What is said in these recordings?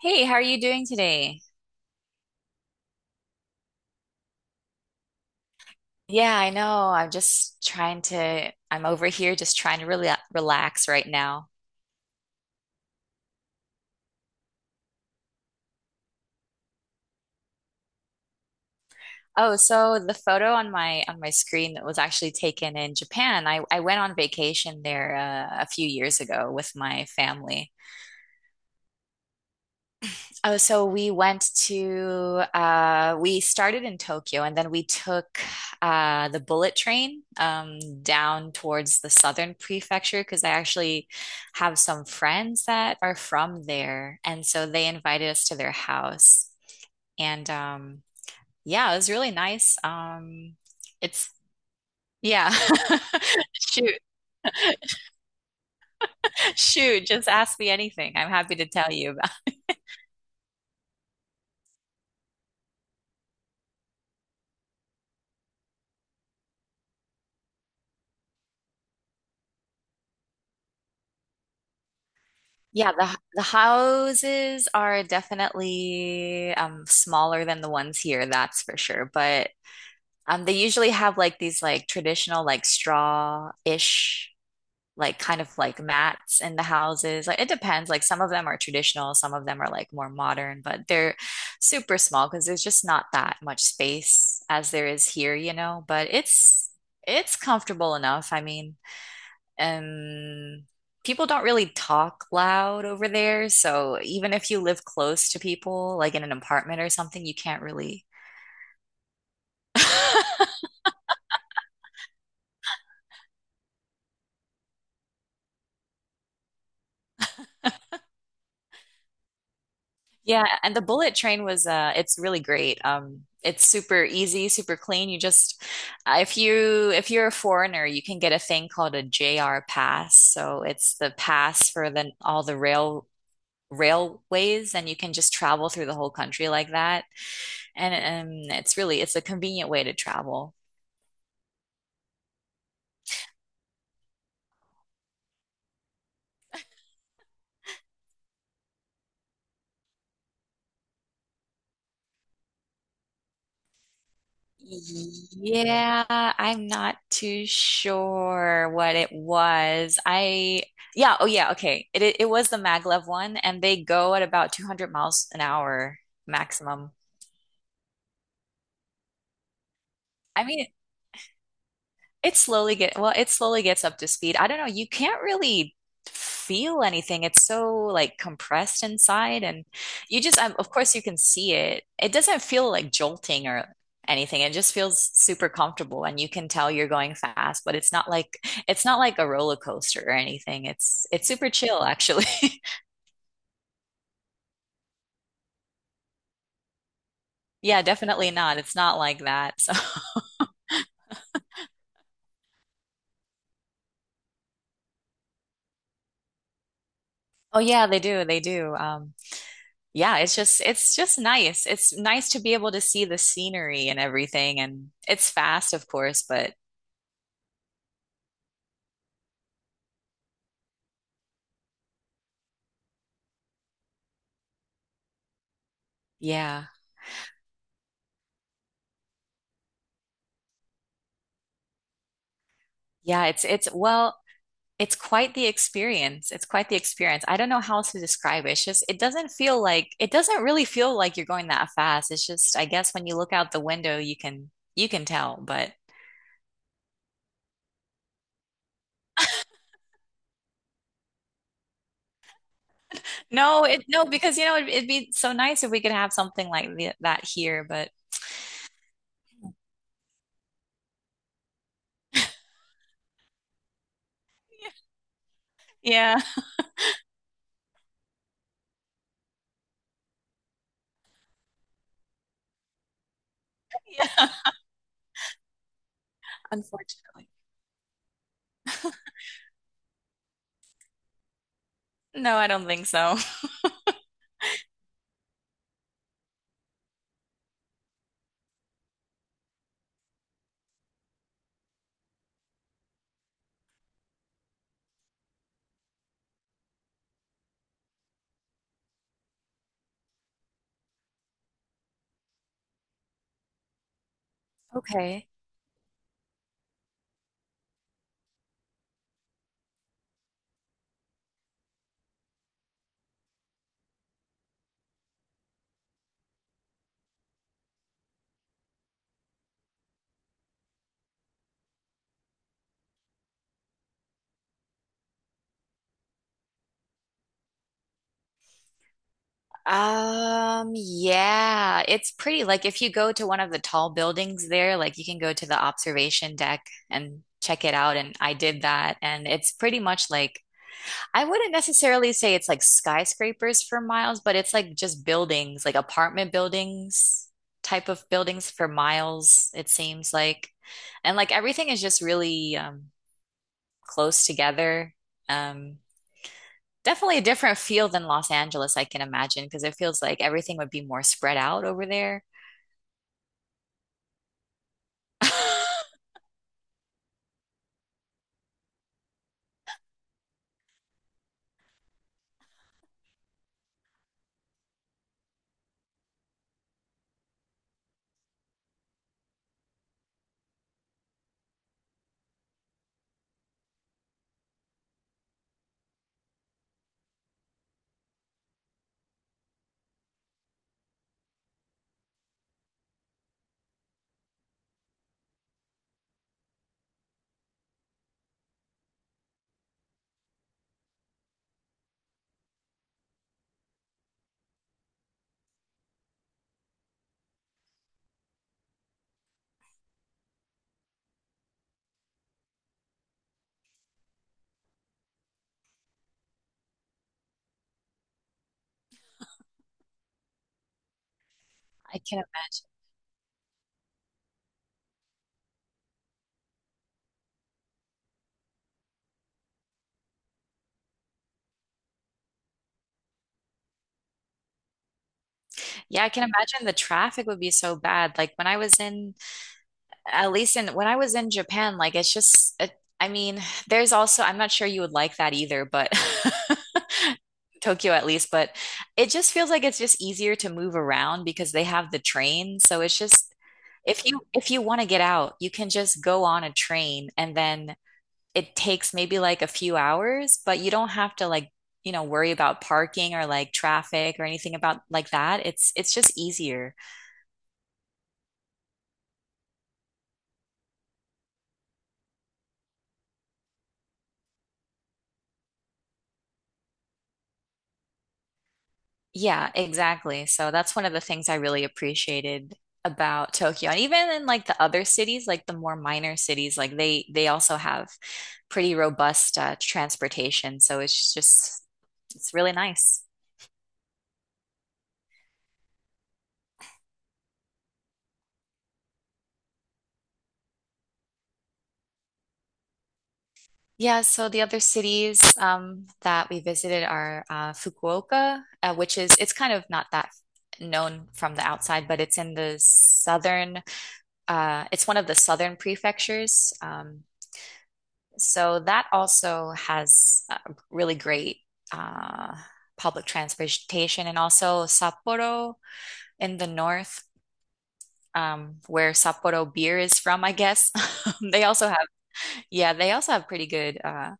Hey, how are you doing today? Yeah, I know. I'm over here just trying to really relax right now. Oh, so the photo on my screen that was actually taken in Japan. I went on vacation there a few years ago with my family. Oh, so we went to we started in Tokyo and then we took the bullet train down towards the southern prefecture because I actually have some friends that are from there and so they invited us to their house and yeah, it was really nice. It's Yeah. Shoot. Shoot, just ask me anything. I'm happy to tell you. Yeah, the houses are definitely smaller than the ones here, that's for sure. But they usually have like these like traditional like straw-ish like kind of like mats in the houses. Like it depends. Like some of them are traditional, some of them are like more modern, but they're super small because there's just not that much space as there is here, you know. But It's comfortable enough. I mean, and people don't really talk loud over there, so even if you live close to people, like in an apartment or something, you can't really. Yeah, and the bullet train was it's really great. It's super easy, super clean. You just if you if you're a foreigner, you can get a thing called a JR pass. So it's the pass for the all the railways and you can just travel through the whole country like that. And It's really it's a convenient way to travel. Yeah, I'm not too sure what it was. I Yeah, oh yeah, okay. It was the maglev one, and they go at about 200 miles an hour maximum. I mean, It slowly get well, it slowly gets up to speed. I don't know, you can't really feel anything. It's so like compressed inside and you just of course you can see it. It doesn't feel like jolting or anything. It just feels super comfortable and you can tell you're going fast, but it's not like a roller coaster or anything. It's super chill actually. Yeah, definitely not. It's not like that. So, oh yeah, they do. They do. Yeah, it's just nice. It's nice to be able to see the scenery and everything and it's fast, of course, but yeah. Yeah, it's quite the experience. It's quite the experience. I don't know how else to describe it. It's just it doesn't really feel like you're going that fast. It's just I guess when you look out the window, you can tell, but no, it no because you know it'd be so nice if we could have something like that here, but yeah. Yeah. Unfortunately. No, I don't think so. Okay. Yeah, it's pretty. Like if you go to one of the tall buildings there, like you can go to the observation deck and check it out. And I did that, and it's pretty much like I wouldn't necessarily say it's like skyscrapers for miles, but it's like just buildings, like apartment buildings type of buildings for miles, it seems like. And like everything is just really close together. Um, Definitely a different feel than Los Angeles, I can imagine, because it feels like everything would be more spread out over there. I can, yeah, I can imagine the traffic would be so bad. Like when I was in Japan, like it's just, it, I mean, there's also, I'm not sure you would like that either, but Tokyo at least, but it just feels like it's just easier to move around because they have the train. If you want to get out, you can just go on a train and then it takes maybe like a few hours, but you don't have to like, you know, worry about parking or like traffic or anything about like that. It's just easier. Yeah, exactly. So that's one of the things I really appreciated about Tokyo. And even in like the other cities, like the more minor cities, like they also have pretty robust transportation. So it's really nice. Yeah, so the other cities that we visited are Fukuoka, which is it's kind of not that known from the outside, but it's in the southern. It's one of the southern prefectures. So that also has really great uh, public transportation, and also Sapporo in the north, where Sapporo beer is from, I guess. They also have, yeah, they also have pretty good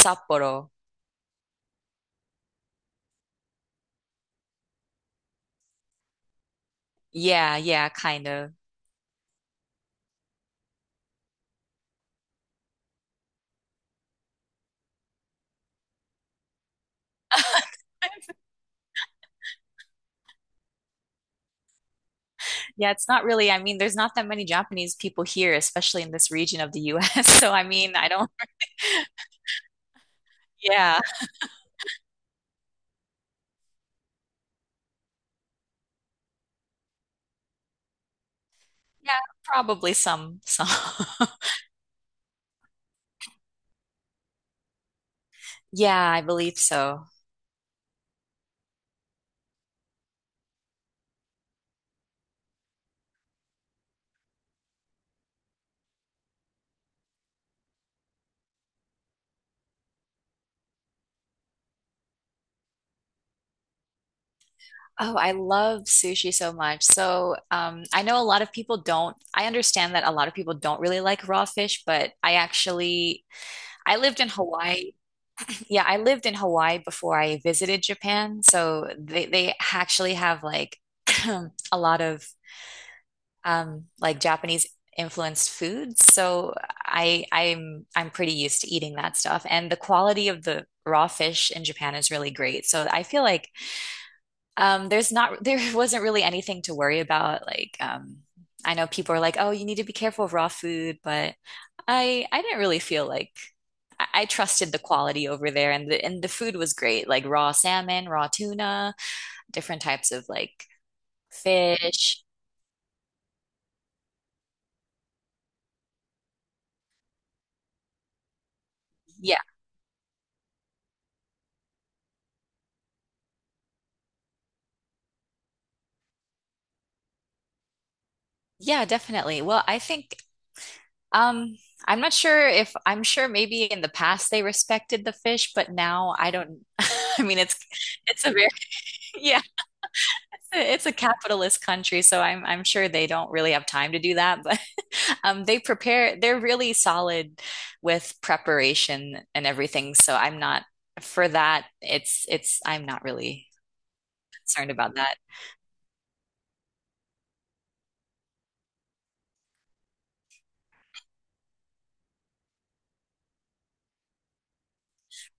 Sapporo. Yeah, yeah, kind of. Yeah, it's not really. I mean, there's not that many Japanese people here, especially in this region of the US. So, I mean, I don't, yeah. Yeah, probably some, some. Yeah, I believe so. Oh, I love sushi so much. So, I know a lot of people don't, I understand that a lot of people don't really like raw fish, but I lived in Hawaii. Yeah, I lived in Hawaii before I visited Japan. So they actually have like a lot of like Japanese influenced foods. So I'm pretty used to eating that stuff. And the quality of the raw fish in Japan is really great. So I feel like there's not there wasn't really anything to worry about. Like I know people are like, oh, you need to be careful of raw food, but I didn't really feel like I trusted the quality over there, and the food was great, like raw salmon, raw tuna, different types of like fish. Yeah, yeah, definitely. Well, I think Um, I'm not sure if I'm sure maybe in the past they respected the fish, but now I don't. I mean, it's a very yeah, it's a capitalist country, so I'm sure they don't really have time to do that. But they prepare. They're really solid with preparation and everything. So I'm not for that. It's I'm not really concerned about that.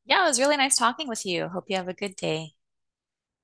Yeah, it was really nice talking with you. Hope you have a good day.